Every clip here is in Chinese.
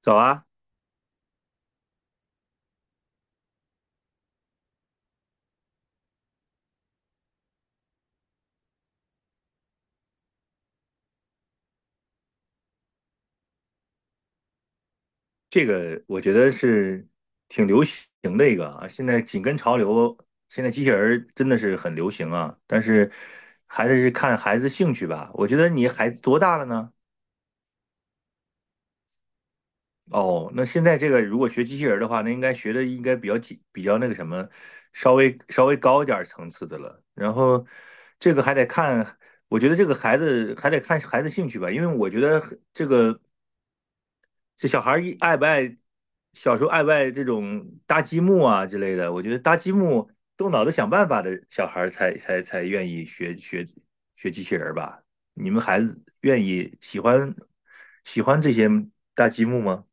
早啊，这个我觉得是挺流行的一个啊，现在紧跟潮流，现在机器人儿真的是很流行啊，但是还是看孩子兴趣吧。我觉得你孩子多大了呢？哦，那现在这个如果学机器人儿的话，那应该学的应该比较紧，比较那个什么，稍微高一点儿层次的了。然后这个还得看，我觉得这个孩子还得看孩子兴趣吧，因为我觉得这个。这小孩儿一爱不爱，小时候爱不爱这种搭积木啊之类的？我觉得搭积木、动脑子想办法的小孩儿才愿意学机器人儿吧？你们孩子愿意喜欢这些搭积木吗？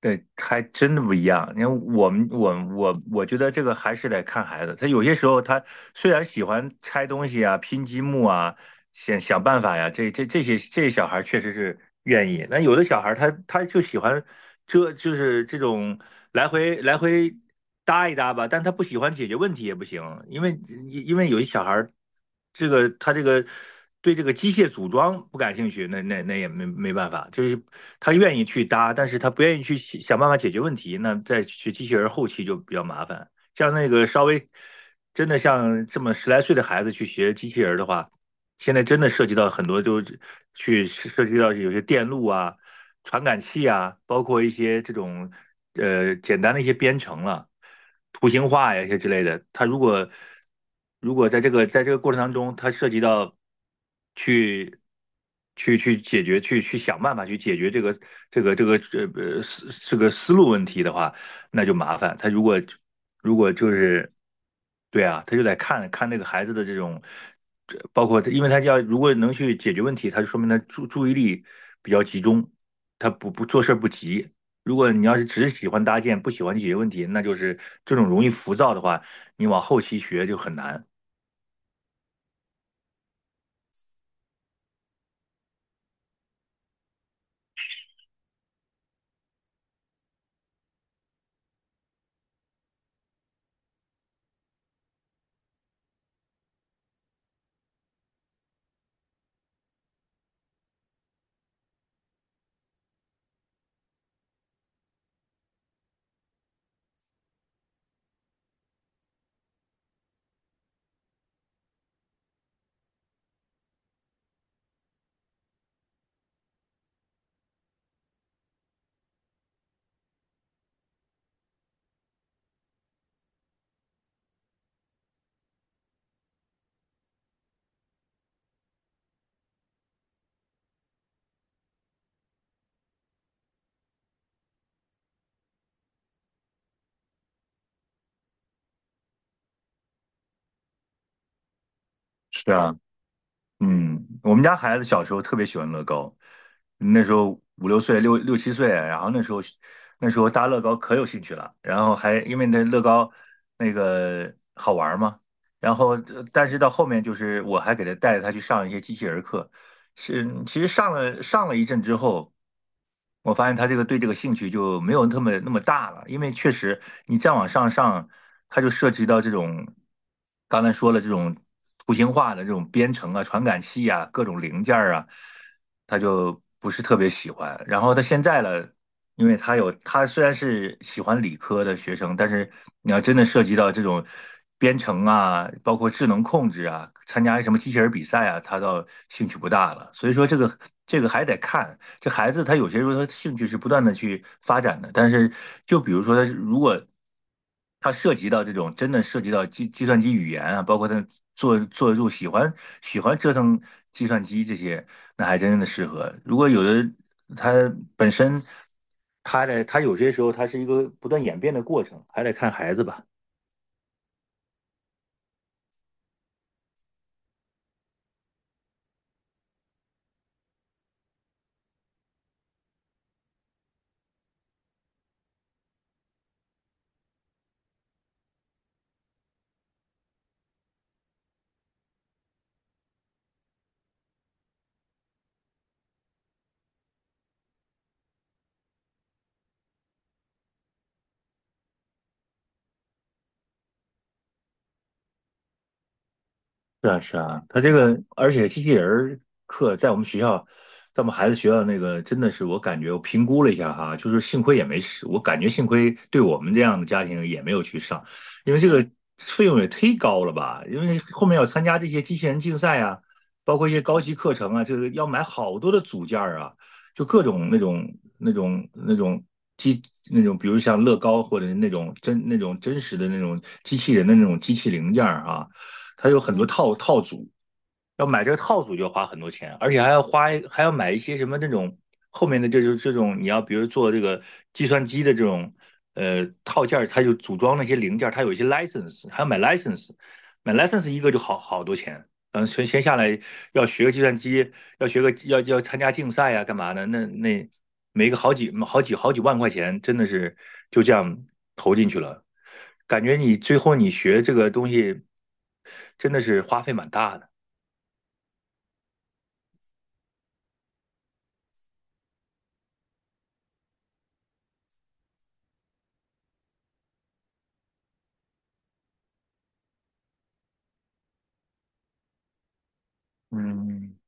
对，还真的不一样。你看，我我觉得这个还是得看孩子。他有些时候，他虽然喜欢拆东西啊、拼积木啊，想想办法呀。这些小孩确实是愿意，那有的小孩他就喜欢这就是这种来回搭一搭吧，但他不喜欢解决问题也不行，因为因为有些小孩他对这个机械组装不感兴趣，那也没办法，就是他愿意去搭，但是他不愿意去想想办法解决问题，那在学机器人后期就比较麻烦。像那个稍微真的像这么十来岁的孩子去学机器人的话，现在真的涉及到很多，就去涉及到有些电路啊、传感器啊，包括一些这种简单的一些编程了、图形化呀一些之类的。它如果如果在这个过程当中，它涉及到去去解决、去想办法去解决这个这个这个呃呃思这个思路问题的话，那就麻烦。他如果如果就是。对啊，他就得看看那个孩子的这种，这包括他，因为他要如果能去解决问题，他就说明他注意力比较集中，他不做事不急。如果你要是只喜欢搭建，不喜欢解决问题，那就是这种容易浮躁的话，你往后期学就很难。是啊。嗯，我们家孩子小时候特别喜欢乐高，那时候五六岁、六七岁，然后那时候搭乐高可有兴趣了，然后还因为那乐高那个好玩嘛，然后但是到后面就是我还给他带着他去上一些机器人课，是，其实上了一阵之后，我发现他这个对这个兴趣就没有那么大了，因为确实你再往上上，它就涉及到这种刚才说了这种图形化的这种编程啊、传感器啊、各种零件儿啊，他就不是特别喜欢。然后他现在了，因为他有他虽然是喜欢理科的学生，但是你要真的涉及到这种编程啊，包括智能控制啊，参加什么机器人比赛啊，他倒兴趣不大了。所以说这个这个还得看，这孩子他有些时候他兴趣是不断的去发展的，但是就比如说他如果他涉及到这种真的涉及到计算机语言啊，包括他做做入喜欢喜欢折腾计算机这些，那还真的适合。如果有的他本身他的他有些时候他是一个不断演变的过程，还得看孩子吧。是啊，是啊，他这个，而且机器人儿课在我们学校，在我们孩子学校那个，真的是我感觉我评估了一下哈，就是幸亏也没事，我感觉幸亏对我们这样的家庭也没有去上，因为这个费用也忒高了吧？因为后面要参加这些机器人竞赛啊，包括一些高级课程啊，这个要买好多的组件儿啊，就各种那种机那种，比如像乐高或者那种真那种真实的那种机器人的那种机器零件儿啊。它有很多套组，要买这个套组就要花很多钱，而且还要花还要买一些什么那种后面的这种这种你要比如做这个计算机的这种套件儿，它就组装那些零件儿，它有一些 license，还要买 license，买 license 一个就好多钱。嗯，全先下来要学个计算机，要学个要要参加竞赛啊，干嘛的？那那每个好几好几好几万块钱，真的是就这样投进去了，感觉你最后你学这个东西真的是花费蛮大的。嗯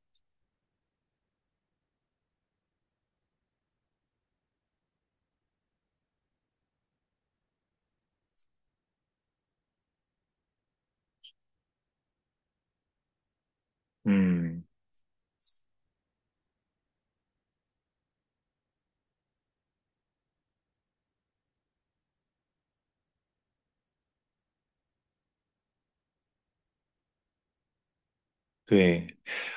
嗯，对，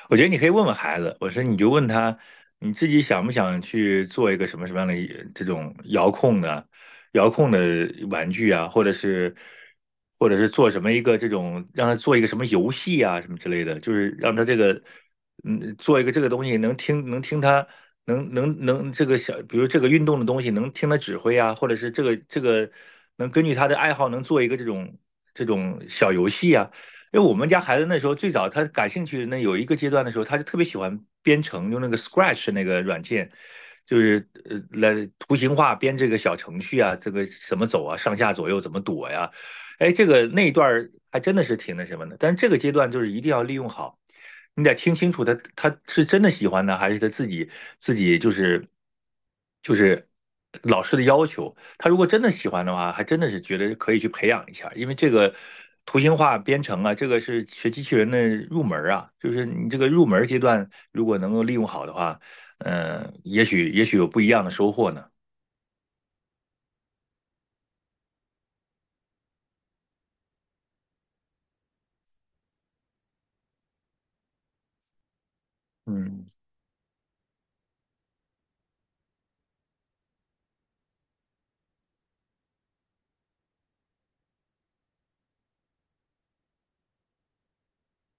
我觉得你可以问问孩子，我说你就问他，你自己想不想去做一个什么什么样的一这种遥控的玩具啊，或者是做什么一个这种让他做一个什么游戏啊什么之类的，就是让他这个嗯做一个这个东西能听他能这个小，比如这个运动的东西能听他指挥啊，或者是这个能根据他的爱好能做一个这种。这种小游戏啊。因为我们家孩子那时候最早他感兴趣，那有一个阶段的时候，他就特别喜欢编程，用那个 Scratch 那个软件，就是来图形化编这个小程序啊，这个怎么走啊，上下左右怎么躲呀？哎，这个那一段还真的是挺那什么的。但是这个阶段就是一定要利用好，你得听清楚他是真的喜欢呢，还是他自己就是老师的要求。他如果真的喜欢的话，还真的是觉得可以去培养一下，因为这个图形化编程啊，这个是学机器人的入门啊，就是你这个入门阶段如果能够利用好的话，嗯、也许有不一样的收获呢。嗯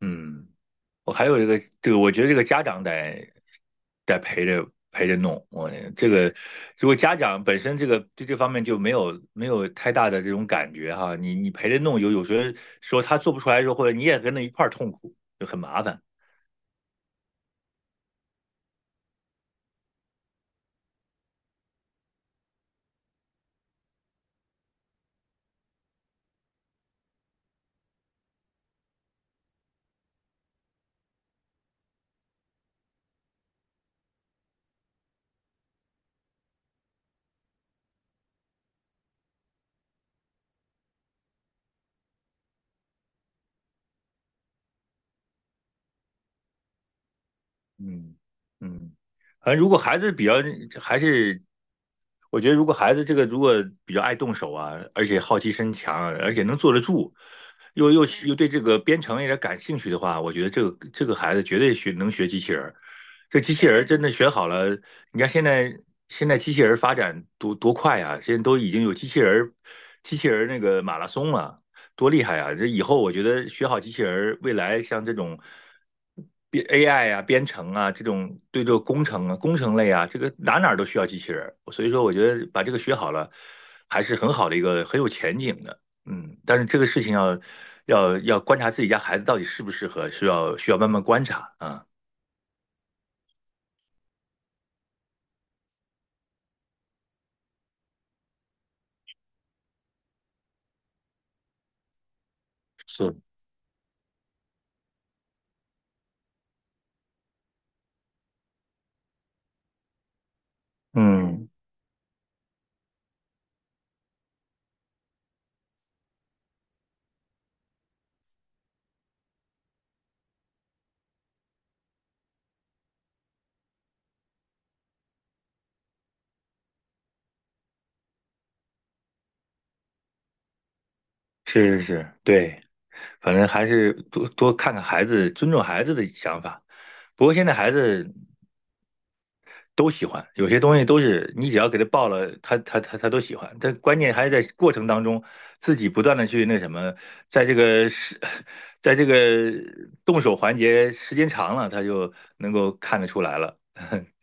嗯。我还有一个这个，我觉得这个家长得得陪着弄。我这个如果家长本身这个对这方面就没有太大的这种感觉哈，你你陪着弄有时候说他做不出来的时候，或者你也跟着一块儿痛苦，就很麻烦。嗯嗯，反正如果孩子比较还是，我觉得如果孩子这个如果比较爱动手啊，而且好奇心强啊而且能坐得住，又对这个编程有点感兴趣的话，我觉得这个这个孩子绝对学能学机器人儿。这机器人儿真的学好了，你看现在机器人儿发展多快啊！现在都已经有机器人儿那个马拉松了、多厉害啊！这以后我觉得学好机器人儿，未来像这种编 AI 啊、编程啊这种对这个工程啊、工程类啊，这个哪儿都需要机器人儿。所以说，我觉得把这个学好了，还是很好的一个很有前景的。嗯，但是这个事情要观察自己家孩子到底适不适合，需要慢慢观察啊。是，嗯，是是是，对，反正还是多多看看孩子，尊重孩子的想法。不过现在孩子都喜欢，有些东西都是你只要给他报了，他都喜欢。但关键还是在过程当中，自己不断的去那什么，在这个是，在这个动手环节时间长了，他就能够看得出来了。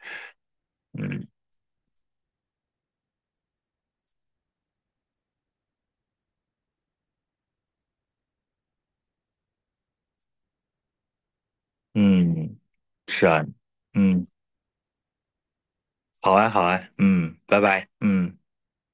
嗯嗯，是啊，嗯，好啊好啊，嗯，拜拜，嗯。